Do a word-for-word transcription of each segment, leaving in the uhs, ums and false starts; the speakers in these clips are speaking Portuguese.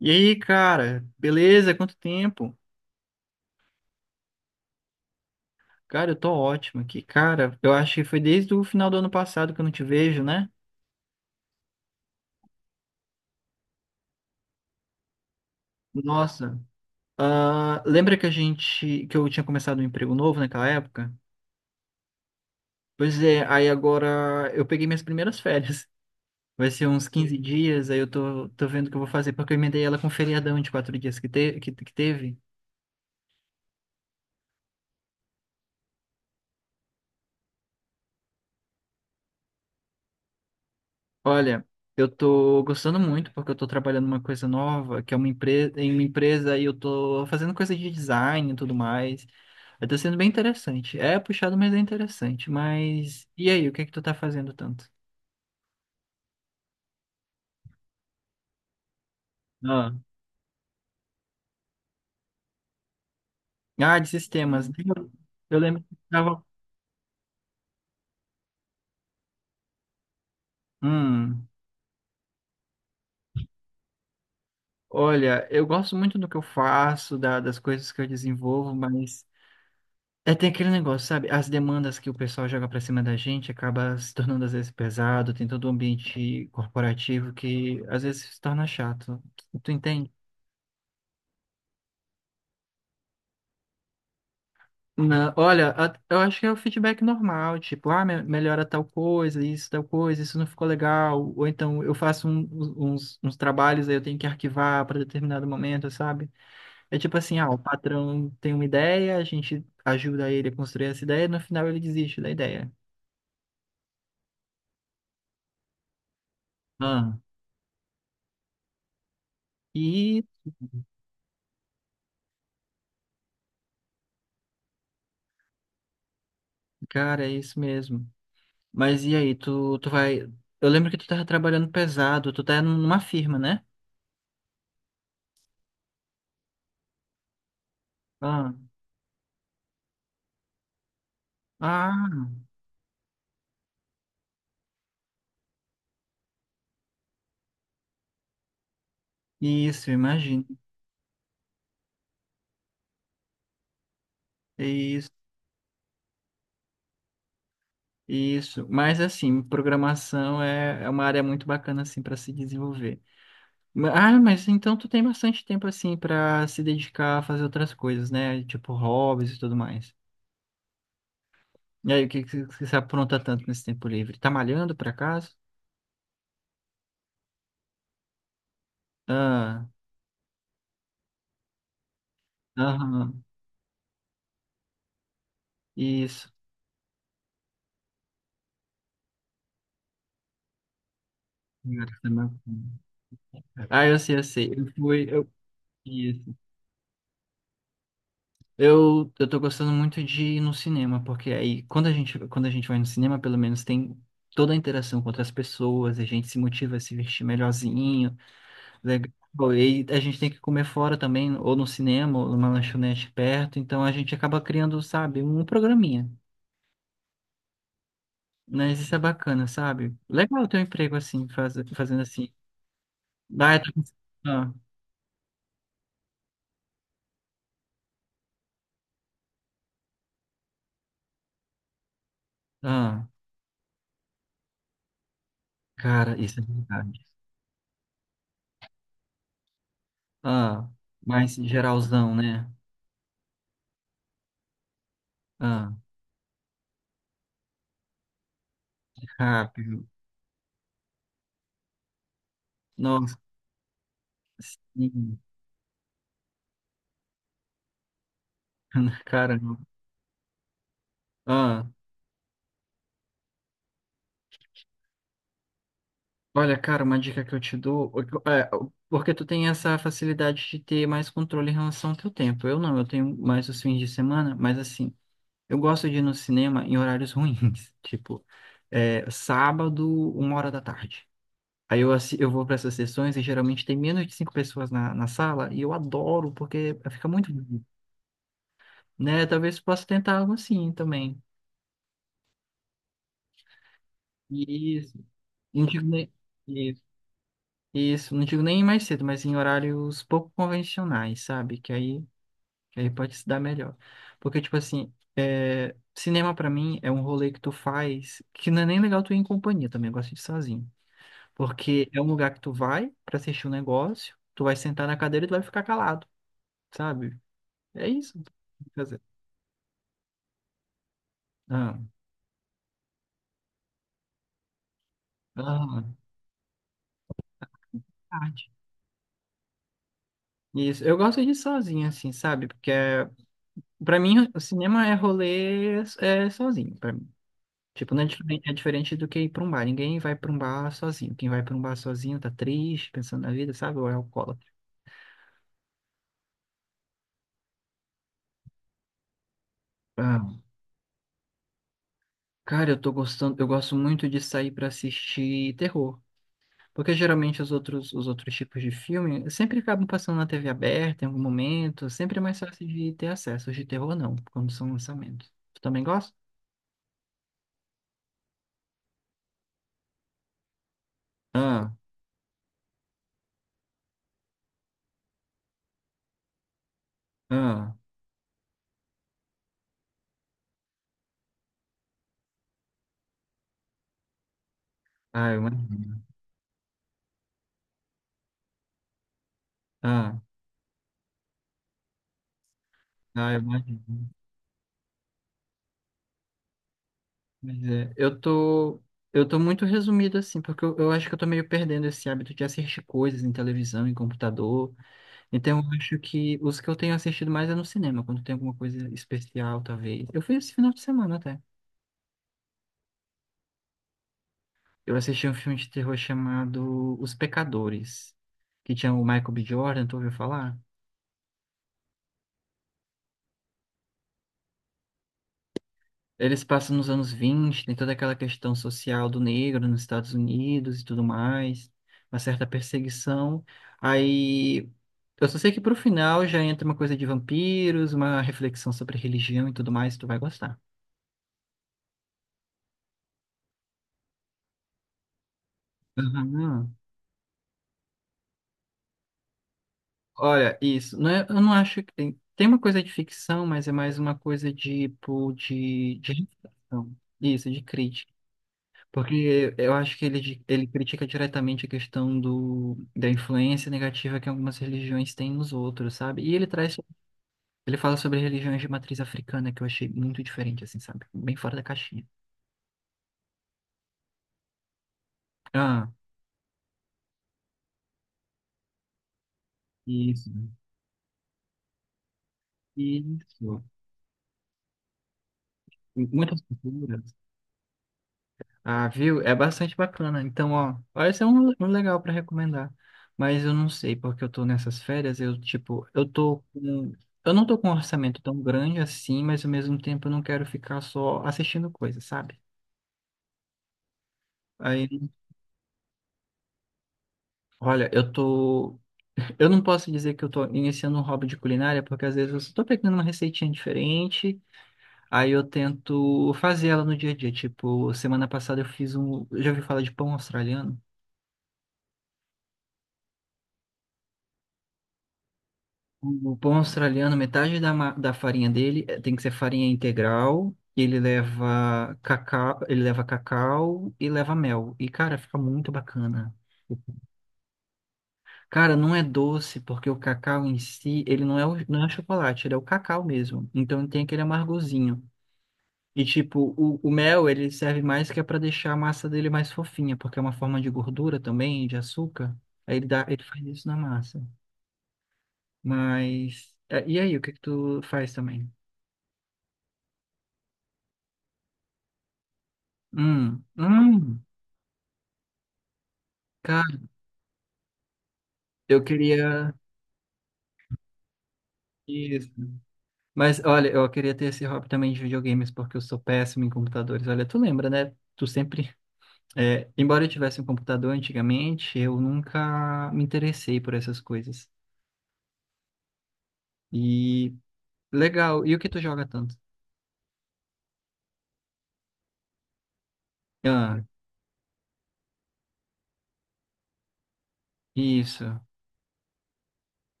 E aí, cara, beleza? Quanto tempo? Cara, eu tô ótimo aqui. Cara, eu acho que foi desde o final do ano passado que eu não te vejo, né? Nossa. Ah, lembra que a gente, que eu tinha começado um emprego novo naquela época? Pois é, aí agora eu peguei minhas primeiras férias. Vai ser uns quinze dias, aí eu tô, tô vendo o que eu vou fazer, porque eu emendei ela com o feriadão de quatro dias que, te, que, que teve. Olha, eu tô gostando muito porque eu tô trabalhando uma coisa nova, que é uma empresa, em uma empresa e eu tô fazendo coisa de design e tudo mais. Aí tá sendo bem interessante. É puxado, mas é interessante. Mas e aí, o que é que tu tá fazendo tanto? Ah, ah, de sistemas. Eu eu lembro que tava. Hum, Olha, eu gosto muito do que eu faço, da- das coisas que eu desenvolvo, mas é, tem aquele negócio, sabe? As demandas que o pessoal joga pra cima da gente acaba se tornando às vezes pesado, tem todo um ambiente corporativo que às vezes se torna chato. Tu tu entende? Não, olha, a- eu acho que é o feedback normal, tipo, ah, me- melhora tal coisa, isso, tal coisa, isso não ficou legal, ou então eu faço um- um, uns, uns trabalhos, aí eu tenho que arquivar para determinado momento, sabe? É tipo assim, ah, o patrão tem uma ideia, a gente ajuda ele a construir essa ideia, no final ele desiste da ideia. Ah. E cara, é isso mesmo. Mas e aí, tu, tu vai. Eu lembro que tu tava trabalhando pesado, tu tá numa firma, né? Ah, ah, isso, imagino. Isso, isso. Mas assim, programação é, é uma área muito bacana assim para se desenvolver. Ma- Ah, mas então tu tem bastante tempo assim para se dedicar a fazer outras coisas, né? Tipo hobbies e tudo mais. E aí, o que que que você apronta tanto nesse tempo livre? Tá malhando por acaso? Ah, aham, isso. Agora que tá malhando. Ah, eu sei, eu sei. Eu fui, eu Isso. Eu, eu tô gostando muito de ir no cinema, porque aí quando a gente, quando a gente vai no cinema, pelo menos tem toda a interação com outras pessoas, a gente se motiva a se vestir melhorzinho, legal. E a gente tem que comer fora também, ou no cinema, ou numa lanchonete perto, então a gente acaba criando, sabe, um programinha. Mas isso é bacana, sabe? Legal ter um emprego assim, faz, fazendo assim. Ah, eu tô... ah, ah, cara, isso é verdade. Ah, mais geralzão, né? Ah, rápido. Nossa, sim. Caramba. Ah, olha, cara, uma dica que eu te dou, o que eu- é, o- porque tu tem essa facilidade de ter mais controle em relação ao teu tempo. Eu não, eu tenho mais os fins de semana, mas assim, eu gosto de ir no cinema em horários ruins, tipo, é, sábado, uma hora da tarde. Aí eu, assi- eu vou para essas sessões e geralmente tem menos de cinco pessoas na, na sala e eu adoro porque fica muito. Né? Talvez possa tentar algo assim também. Isso. E não digo nem... Isso. Isso. Não digo nem mais cedo, mas em horários pouco convencionais, sabe? Que aí, que aí pode se dar melhor. Porque, tipo assim, é, cinema pra mim é um rolê que tu faz que não é nem legal tu ir em companhia também, eu gosto de ir sozinho. Porque é um lugar que tu vai pra assistir um negócio, tu vai sentar na cadeira e tu vai ficar calado, sabe? É isso. Quer dizer, Ah, ah, tarde. Isso, eu gosto de ir sozinho, assim, sabe? Porque é pra mim, o cinema é rolê é, sozinho, pra mim. Tipo, não é diferente, é diferente do que ir pra um bar. Ninguém vai pra um bar sozinho. Quem vai pra um bar sozinho tá triste, pensando na vida, sabe? Ou é alcoólatra. Ah, cara, eu tô gostando, eu gosto muito de sair pra assistir terror. Porque geralmente os outros, os outros tipos de filme sempre acabam passando na T V aberta em algum momento. Sempre é mais fácil de ter acesso. Os de terror não, quando são lançamentos. Tu também gosta? Ah, ah, ah, eu imagino. Ah, ah, eu imagino. Pois é, eu tô, eu tô muito resumido assim, porque eu, eu acho que eu tô meio perdendo esse hábito de assistir coisas em televisão, em computador. Então eu acho que os que eu tenho assistido mais é no cinema, quando tem alguma coisa especial, talvez. Eu fui esse final de semana até. Eu assisti um filme de terror chamado Os Pecadores, que tinha o Michael B. Jordan, tu ouviu falar? Eles passam nos anos vinte, tem toda aquela questão social do negro nos Estados Unidos e tudo mais, uma certa perseguição. Aí eu só sei que pro final já entra uma coisa de vampiros, uma reflexão sobre religião e tudo mais, tu vai gostar. Aham. Olha, isso, não é, eu não acho que tem, tem uma coisa de ficção, mas é mais uma coisa de, tipo, de, de reflexão. Isso, de porque eu acho que ele, ele critica diretamente a questão do, da influência negativa que algumas religiões têm nos outros, sabe? E ele traz, ele fala sobre religiões de matriz africana, que eu achei muito diferente, assim, sabe? Bem fora da caixinha. Ah, isso. Isso. Muitas culturas. Ah, viu? É bastante bacana. Então, ó, parece um, um legal para recomendar. Mas eu não sei, porque eu tô nessas férias, eu, tipo, eu tô com... Eu não tô com um orçamento tão grande assim, mas ao mesmo tempo eu não quero ficar só assistindo coisas, sabe? Aí, olha, eu tô... Eu não posso dizer que eu tô iniciando um hobby de culinária, porque às vezes eu só tô pegando uma receitinha diferente, aí eu tento fazer ela no dia a dia. Tipo, semana passada eu fiz um... Já ouvi falar de pão australiano? O pão australiano, metade da, ma- da farinha dele eh, tem que ser farinha integral. E ele leva cacau, ele leva cacau e leva mel. E, cara, fica muito bacana. Cara, não é doce, porque o cacau em si, ele não é, o, não é chocolate, ele é o cacau mesmo. Então tem aquele amargozinho. E tipo, o, o mel, ele serve mais que é para deixar a massa dele mais fofinha, porque é uma forma de gordura também, de açúcar. Aí ele dá, ele faz isso na massa. Mas, eh, e aí, o que que tu faz também? Hum, hum, cara, eu queria isso. Mas olha, eu queria ter esse hobby também de videogames, porque eu sou péssimo em computadores. Olha, tu lembra, né? Tu sempre. É, embora eu tivesse um computador antigamente, eu nunca me interessei por essas coisas. E legal, e o que tu joga tanto? Ah, isso,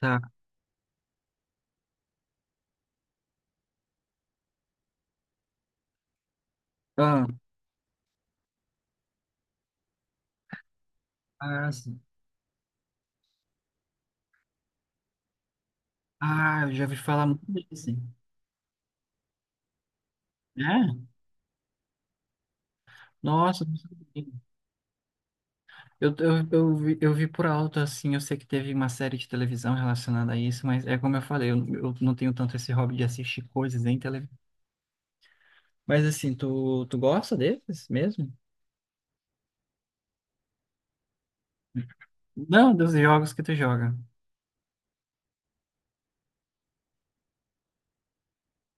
tá. Ah, ah, sim. Ah, eu já ouvi falar muito disso. É? Nossa, não sabia. Eu, eu, eu, vi, eu vi por alto, assim, eu sei que teve uma série de televisão relacionada a isso, mas é como eu falei, eu, eu não tenho tanto esse hobby de assistir coisas em televisão. Mas assim, tu, tu gosta desses mesmo? Não, dos jogos que tu joga.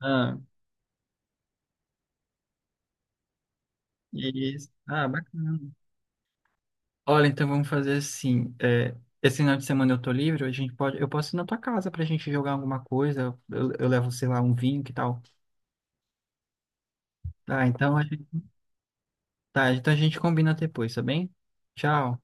Ah, isso. Ah, bacana. Olha, então vamos fazer assim. É, esse final de semana eu tô livre, a gente pode, eu posso ir na tua casa pra gente jogar alguma coisa. Eu, eu levo, sei lá, um vinho, que tal? Tá, então a gente, tá, então a gente combina depois, tá bem? Tchau.